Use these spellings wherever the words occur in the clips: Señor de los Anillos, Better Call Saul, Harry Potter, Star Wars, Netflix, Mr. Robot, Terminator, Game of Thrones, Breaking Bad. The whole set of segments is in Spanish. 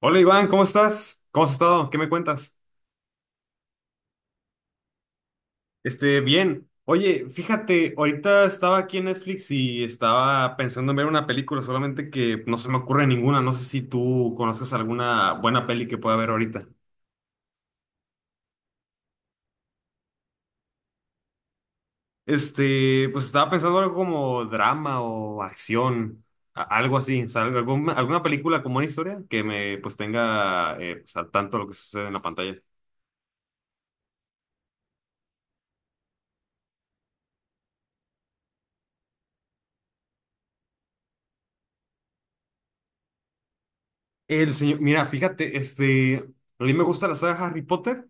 Hola Iván, ¿cómo estás? ¿Cómo has estado? ¿Qué me cuentas? Bien. Oye, fíjate, ahorita estaba aquí en Netflix y estaba pensando en ver una película, solamente que no se me ocurre ninguna. No sé si tú conoces alguna buena peli que pueda ver ahorita. Pues estaba pensando algo como drama o acción, algo así. O sea, alguna, alguna película con buena historia que me pues tenga pues, al tanto de lo que sucede en la pantalla. El señor, mira, fíjate, a mí me gusta la saga Harry Potter.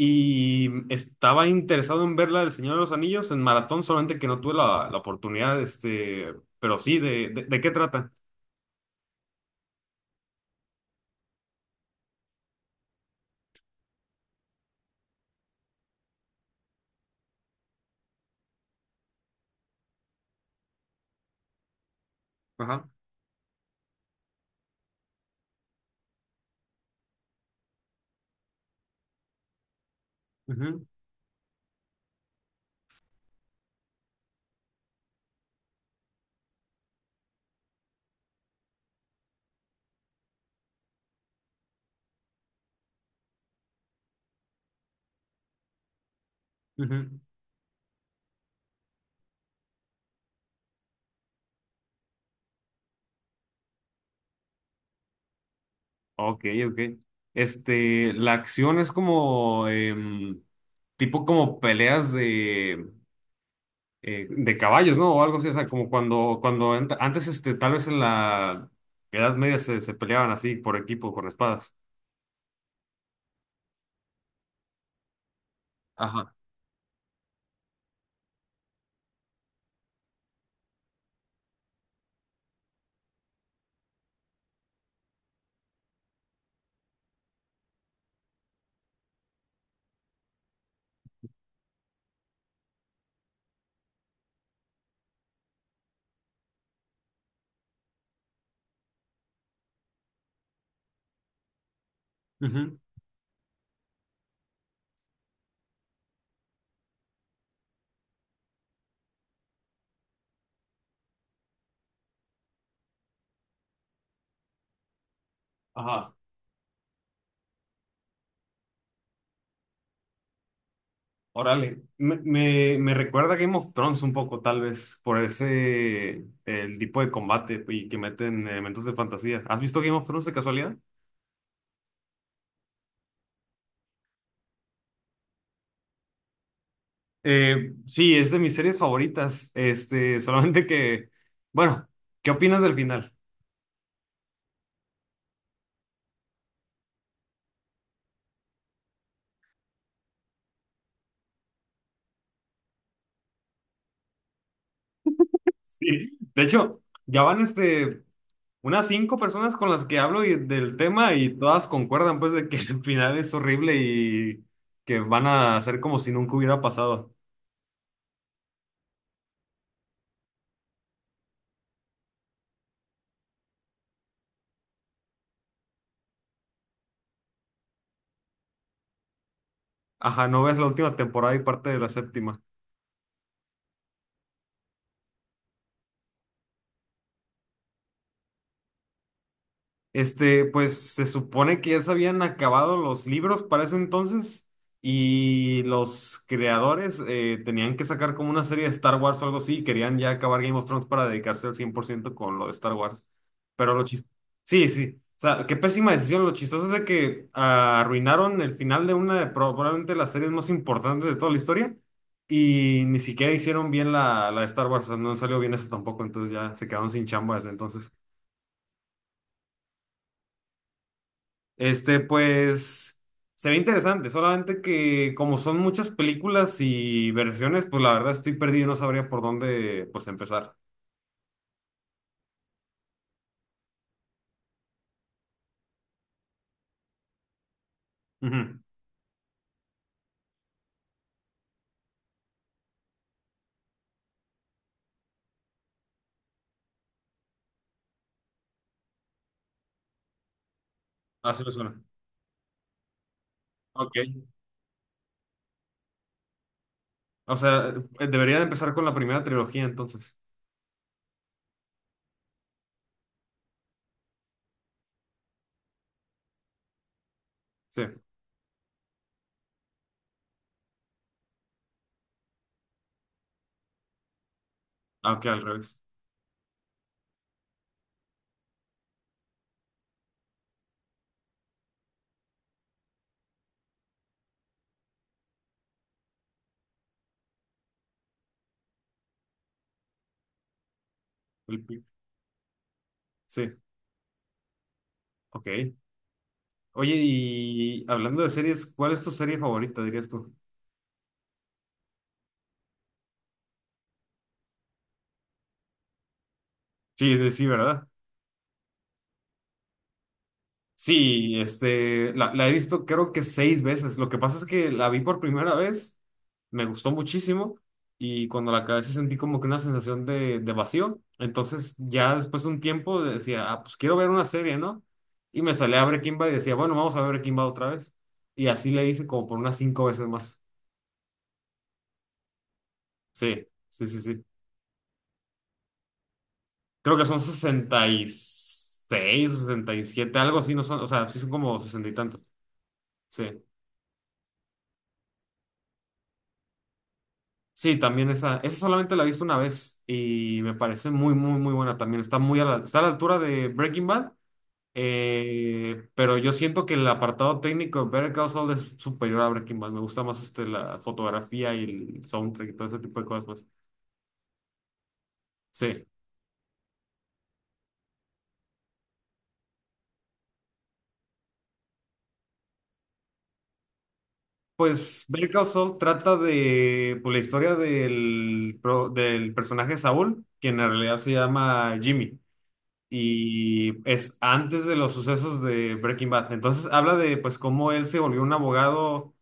Y estaba interesado en verla del Señor de los Anillos en maratón, solamente que no tuve la oportunidad, pero sí, de qué trata? Ajá. Ujú, ujú. Ok, ok. La acción es como, tipo como peleas de caballos, ¿no? O algo así, o sea, como cuando, cuando antes, tal vez en la Edad Media se, se peleaban así por equipo, con espadas. Ajá. Ujú, ajá. Órale, me recuerda a Game of Thrones un poco, tal vez, por ese, el tipo de combate y que meten elementos de fantasía. ¿Has visto Game of Thrones de casualidad? Sí, es de mis series favoritas. Solamente que, bueno, ¿qué opinas del final? Sí. De hecho, ya van unas cinco personas con las que hablo y, del tema y todas concuerdan pues de que el final es horrible y que van a hacer como si nunca hubiera pasado. Ajá, no ves la última temporada y parte de la séptima. Pues se supone que ya se habían acabado los libros para ese entonces y los creadores tenían que sacar como una serie de Star Wars o algo así y querían ya acabar Game of Thrones para dedicarse al 100% con lo de Star Wars. Pero lo chistoso... Sí, sí. O sea, qué pésima decisión. Lo chistoso es de que ah, arruinaron el final de una de probablemente las series más importantes de toda la historia y ni siquiera hicieron bien la de Star Wars. O sea, no salió bien eso tampoco, entonces ya se quedaron sin chamba desde entonces. Pues, se ve interesante, solamente que como son muchas películas y versiones, pues la verdad estoy perdido, no sabría por dónde, pues, empezar. Ujú. Así me suena. Ok. O sea, debería de empezar con la primera trilogía entonces. Sí. Aunque al revés. El pi- Sí. Ok. Oye, y hablando de series, ¿cuál es tu serie favorita, dirías tú? Sí, sí, ¿verdad? Sí, la he visto creo que seis veces. Lo que pasa es que la vi por primera vez, me gustó muchísimo y cuando la acabé sí sentí como que una sensación de vacío. Entonces ya después de un tiempo decía, ah, pues quiero ver una serie, ¿no? Y me salía a Breaking Bad y decía, bueno, vamos a ver Breaking Bad otra vez. Y así le hice como por unas cinco veces más. Sí, sí, sí, sí. Creo que son 66 o 67, algo así, no son, o sea, sí son como sesenta y tantos. Sí. Sí, también esa solamente la he visto una vez y me parece muy, muy, muy buena también. Está muy a la, está a la altura de Breaking Bad, pero yo siento que el apartado técnico de Better Call Saul es superior a Breaking Bad. Me gusta más la fotografía y el soundtrack y todo ese tipo de cosas más. Sí. Pues Better Call Saul trata de pues, la historia del, del personaje Saúl, quien en realidad se llama Jimmy. Y es antes de los sucesos de Breaking Bad. Entonces habla de pues cómo él se volvió un abogado,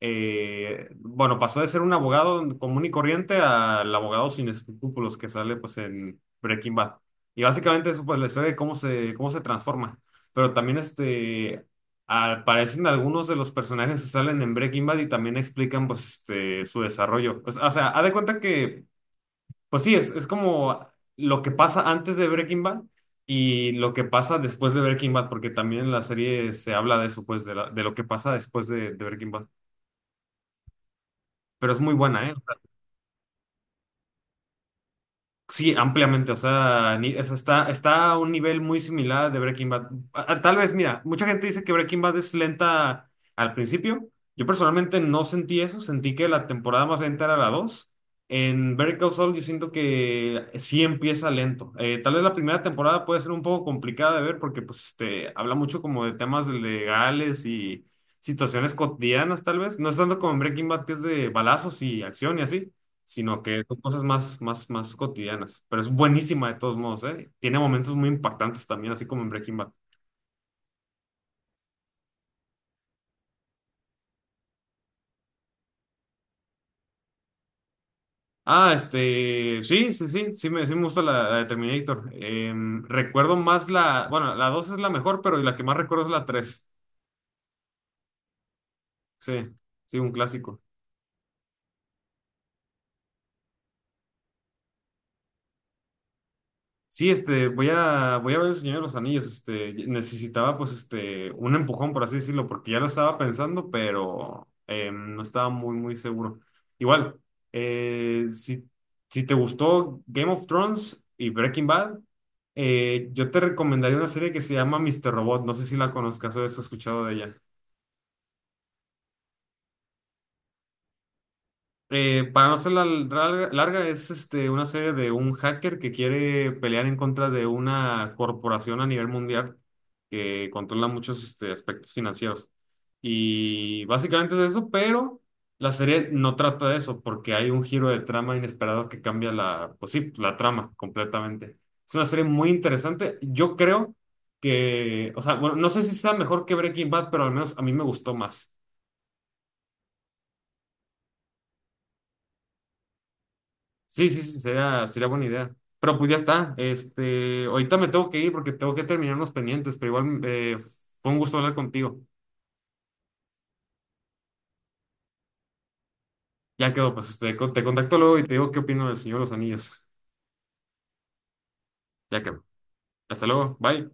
bueno, pasó de ser un abogado común y corriente al abogado sin escrúpulos que sale pues en Breaking Bad. Y básicamente eso pues la historia de cómo se transforma. Pero también aparecen algunos de los personajes que salen en Breaking Bad y también explican pues su desarrollo. O sea, haz de cuenta que... Pues sí, es como lo que pasa antes de Breaking Bad y lo que pasa después de Breaking Bad, porque también en la serie se habla de eso, pues, de, de lo que pasa después de Breaking Bad. Pero es muy buena, ¿eh? Sí, ampliamente, o sea, o sea, está, está a un nivel muy similar de Breaking Bad. Tal vez, mira, mucha gente dice que Breaking Bad es lenta al principio. Yo personalmente no sentí eso, sentí que la temporada más lenta era la dos. En Better Call Saul yo siento que sí empieza lento. Tal vez la primera temporada puede ser un poco complicada de ver porque pues habla mucho como de temas legales y situaciones cotidianas tal vez. No es tanto como en Breaking Bad que es de balazos y acción y así, sino que son cosas más, más, más cotidianas. Pero es buenísima de todos modos, ¿eh? Tiene momentos muy impactantes también, así como en Breaking Bad. Ah, sí, sí, sí, sí me gusta la de Terminator. Recuerdo más la, bueno, la 2 es la mejor, pero la que más recuerdo es la tres. Sí, sí, un clásico. Sí, voy a, voy a ver el Señor de los Anillos, necesitaba pues un empujón, por así decirlo, porque ya lo estaba pensando, pero no estaba muy, muy seguro. Igual, si, si te gustó Game of Thrones y Breaking Bad, yo te recomendaría una serie que se llama Mr. Robot, no sé si la conozcas o has escuchado de ella. Para no hacerla larga, larga, es una serie de un hacker que quiere pelear en contra de una corporación a nivel mundial que controla muchos aspectos financieros. Y básicamente es eso, pero la serie no trata de eso porque hay un giro de trama inesperado que cambia la, pues sí, la trama completamente. Es una serie muy interesante. Yo creo que, o sea, bueno, no sé si sea mejor que Breaking Bad, pero al menos a mí me gustó más. Sí, sí, sí, sería, sería buena idea. Pero pues ya está. Ahorita me tengo que ir porque tengo que terminar unos pendientes, pero igual fue un gusto hablar contigo. Ya quedó, pues te contacto luego y te digo qué opino del Señor de los Anillos. Ya quedó. Hasta luego. Bye.